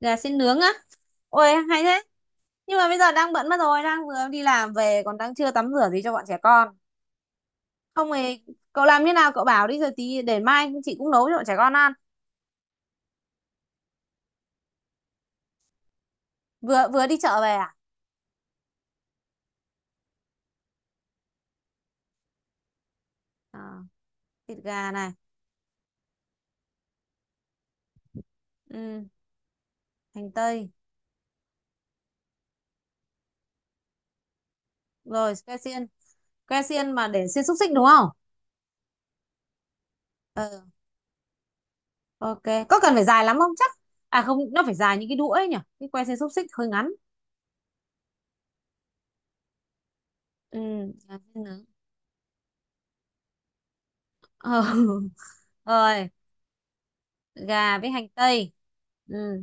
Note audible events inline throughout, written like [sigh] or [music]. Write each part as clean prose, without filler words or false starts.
Gà xin nướng á. Ôi hay thế. Nhưng mà bây giờ đang bận mất rồi, đang vừa đi làm về, còn đang chưa tắm rửa gì cho bọn trẻ con. Không thì cậu làm như nào cậu bảo đi rồi tí để mai chị cũng nấu cho bọn trẻ con ăn. Vừa vừa đi chợ về à? À, thịt gà này. Ừ, hành tây. Rồi que xiên, que xiên mà để xiên xúc xích đúng không. Ừ, ok. Có cần phải dài lắm không chắc. À không, nó phải dài như cái đũa ấy nhỉ, cái que xiên xúc xích hơi ngắn. Ừ. Gà xiên nướng. Ờ, [laughs] rồi. Gà với hành tây. Ừ.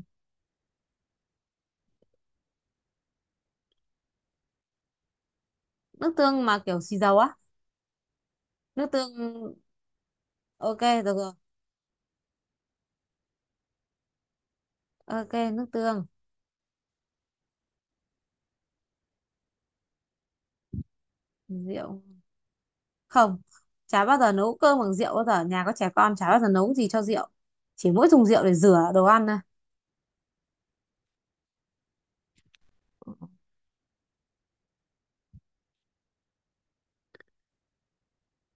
Nước tương mà kiểu xì dầu á? Nước tương. Ok, được rồi. Ok, nước tương. Rượu. Không, chả bao giờ nấu cơm bằng rượu bao giờ, nhà có trẻ con chả bao giờ nấu gì cho rượu. Chỉ mỗi dùng rượu để rửa đồ ăn thôi.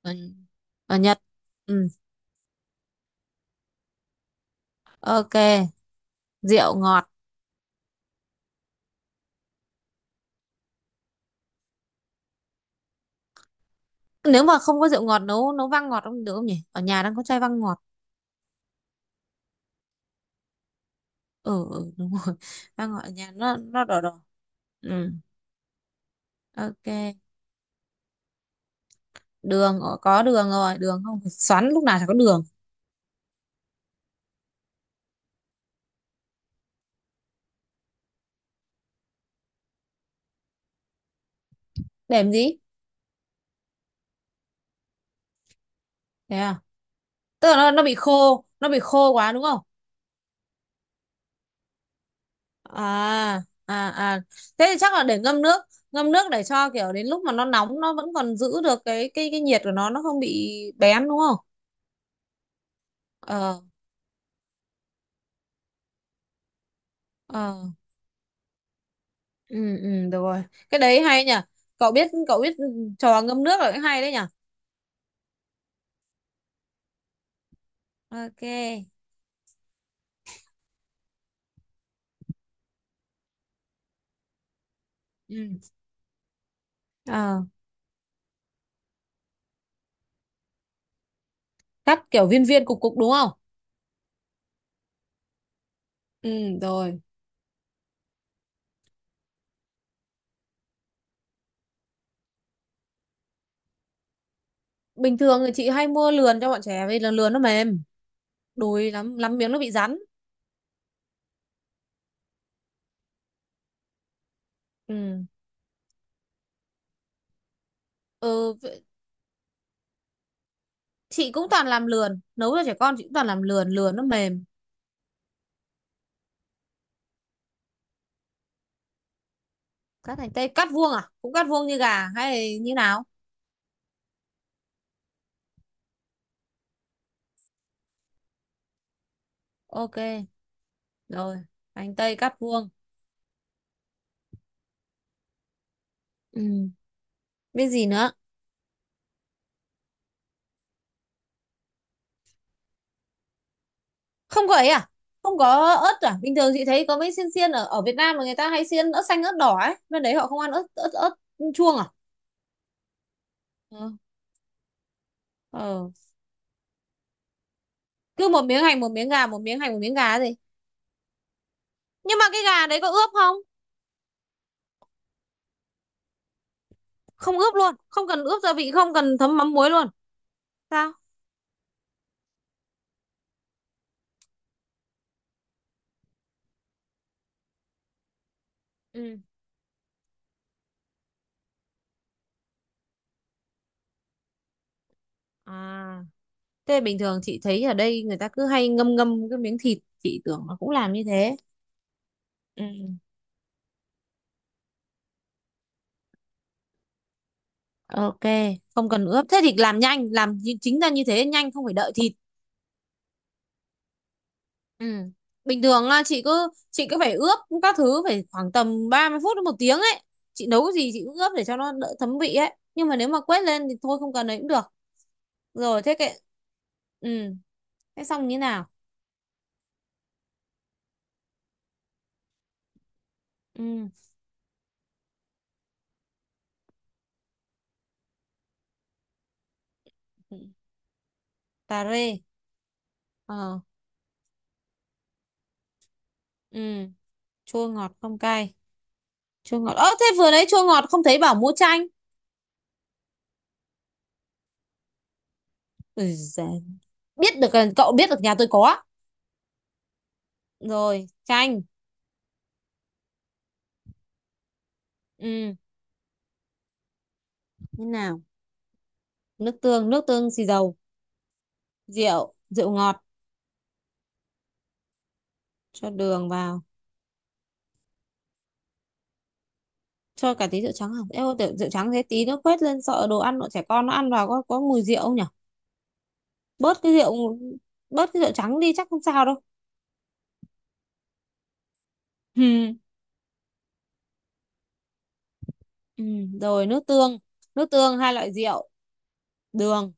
Ở, ở Nhật. Ừ. Ok, rượu ngọt. Nếu mà không có rượu ngọt nấu nấu vang ngọt không được không nhỉ, ở nhà đang có chai vang ngọt. Ừ, ừ, đúng rồi. [laughs] Vang ngọt ở nhà nó đỏ đỏ. Ừ. Ok, đường có đường rồi, đường không phải xoắn lúc nào chả có đường. Để làm gì. Thế à. Tức là nó bị khô quá đúng không. À, à, à, thế thì chắc là để ngâm nước. Ngâm nước để cho kiểu đến lúc mà nó nóng nó vẫn còn giữ được cái nhiệt của nó không bị bén đúng không. Ờ. Ờ. Ừ, ừ, được rồi. Cái đấy hay nhỉ. Cậu biết trò ngâm nước là cái hay đấy nhỉ. Ok. Ừ. Ờ. Cắt kiểu viên viên cục cục đúng không. Ừ, rồi. Bình thường thì chị hay mua lườn cho bọn trẻ vì là lườn nó mềm. Đùi lắm lắm miếng nó bị rắn. Ừ, ừ, chị cũng toàn làm lườn nấu cho trẻ con, chị cũng toàn làm lườn, lườn nó mềm. Cắt hành tây cắt vuông à, cũng cắt vuông như gà hay như nào. Ok, rồi, hành tây cắt vuông. Ừ. Biết gì nữa. Không có ấy à, không có ớt à? Bình thường chị thấy có mấy xiên xiên ở ở Việt Nam mà người ta hay xiên ớt xanh ớt đỏ ấy, bên đấy họ không ăn ớt ớt ớt chuông à? Ờ. Ờ. Cứ một miếng hành một miếng gà một miếng hành một miếng gà gì. Nhưng mà cái gà đấy có ướp không? Không ướp luôn không cần ướp gia vị không cần thấm mắm muối luôn. Sao? Ừ. À, thế bình thường chị thấy ở đây người ta cứ hay ngâm ngâm cái miếng thịt, chị tưởng nó cũng làm như thế. Ừ. Ok, không cần ướp. Thế thì làm nhanh, chính ra như thế nhanh không phải đợi thịt. Ừ. Bình thường là chị cứ phải ướp các thứ phải khoảng tầm 30 phút đến 1 tiếng ấy. Chị nấu cái gì chị cũng ướp để cho nó đỡ thấm vị ấy. Nhưng mà nếu mà quét lên thì thôi không cần ấy cũng được. Rồi thế cái, ừ, thế xong như nào? Ừ. Ừ. Cà rê. Ờ. Ừ, chua ngọt không cay. Chua ngọt, ơ thế vừa nãy chua ngọt không thấy bảo mua chanh. Ui giời, biết được, cậu biết được nhà tôi có. Rồi chanh. Ừ. Thế nào? Nước tương, nước tương xì dầu. Rượu, rượu ngọt. Cho đường vào. Cho cả tí rượu trắng không em, rượu trắng thế tí nó quét lên sợ đồ ăn bọn trẻ con nó ăn vào có mùi rượu không nhỉ. bớt cái rượu bớt cái rượu trắng đi chắc không sao đâu. [laughs] Ừ. Ừ, rồi. Nước tương, nước tương hai loại rượu đường.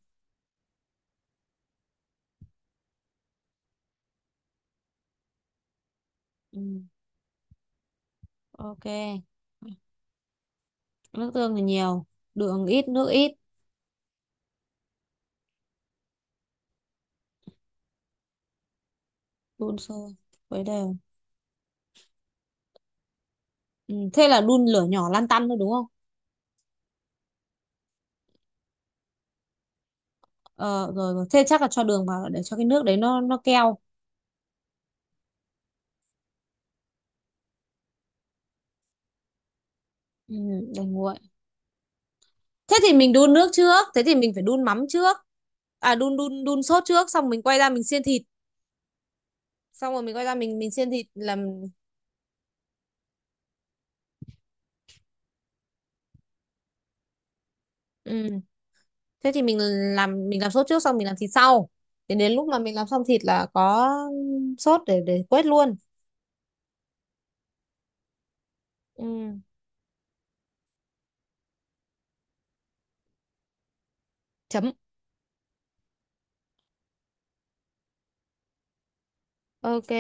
Ừ. Ok. Nước tương thì nhiều, đường ít, nước ít. Đun sôi với đều. Ừ. Thế là đun lửa nhỏ lăn tăn thôi đúng không. Ờ, rồi, rồi, thế chắc là cho đường vào để cho cái nước đấy nó keo. Ừ, để nguội. Thế thì mình đun nước trước, thế thì mình phải đun mắm trước. À, đun đun đun sốt trước xong mình quay ra mình xiên thịt. Xong rồi mình quay ra mình xiên thịt làm. Ừ. Thế thì mình làm sốt trước xong mình làm thịt sau. Đến đến lúc mà mình làm xong thịt là có sốt để quết luôn. Ừ. Chấm. Ok.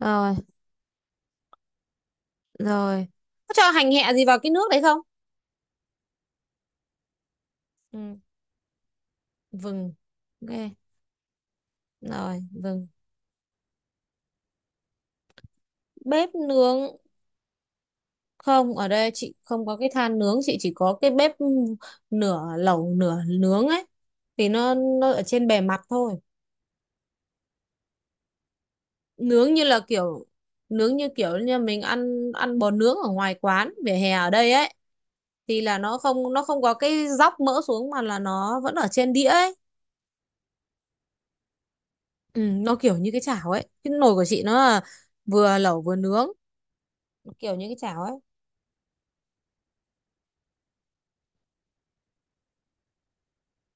Rồi, rồi, có cho hành hẹ gì vào cái nước đấy không. Ừ. Vừng. Ok, rồi, vừng. Bếp nướng. Không, ở đây chị không có cái than nướng, chị chỉ có cái bếp nửa lẩu nửa nướng ấy, thì nó ở trên bề mặt thôi. Nướng như là kiểu nướng như kiểu như mình ăn ăn bò nướng ở ngoài quán vỉa hè ở đây ấy, thì là nó không có cái dóc mỡ xuống mà là nó vẫn ở trên đĩa ấy. Ừ, nó kiểu như cái chảo ấy, cái nồi của chị nó là vừa lẩu vừa nướng, kiểu như cái chảo ấy.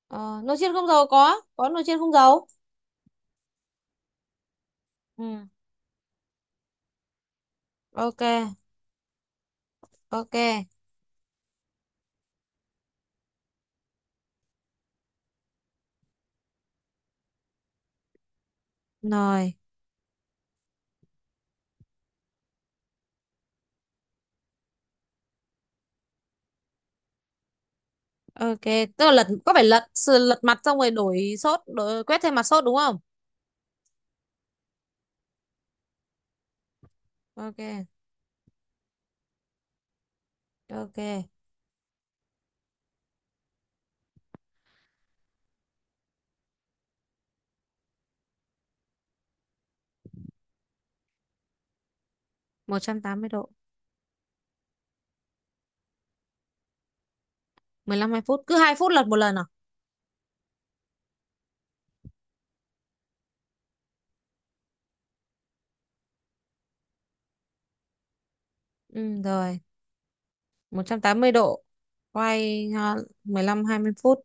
Ờ, nồi chiên không dầu có nồi chiên không dầu. Ừ. Ok, ok. Rồi, ok. Tức là lật, có phải lật sự lật mặt xong rồi đổi sốt, đổi quét thêm mặt sốt đúng không? Ok, ok. 180 độ, 15 2 phút, cứ 2 phút lật một lần à? Ừ, rồi, 180 độ. Quay à, 15 20 phút.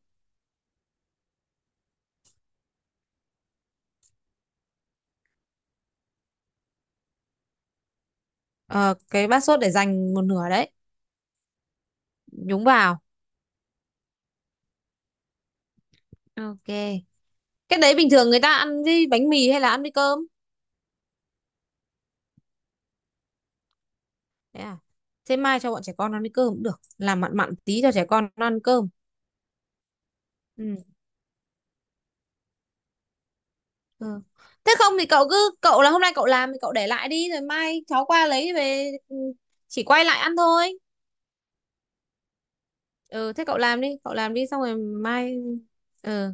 Ờ, cái bát sốt để dành một nửa đấy, nhúng vào. Ok. Cái đấy bình thường người ta ăn với bánh mì hay là ăn với cơm? Thế à? Thế mai cho bọn trẻ con ăn với cơm cũng được, làm mặn mặn tí cho trẻ con nó ăn cơm. Ừ. Ừ, thế không thì cậu là hôm nay cậu làm thì cậu để lại đi rồi mai cháu qua lấy về, ừ, chỉ quay lại ăn thôi. Ừ, thế cậu làm đi xong rồi mai. Ừ.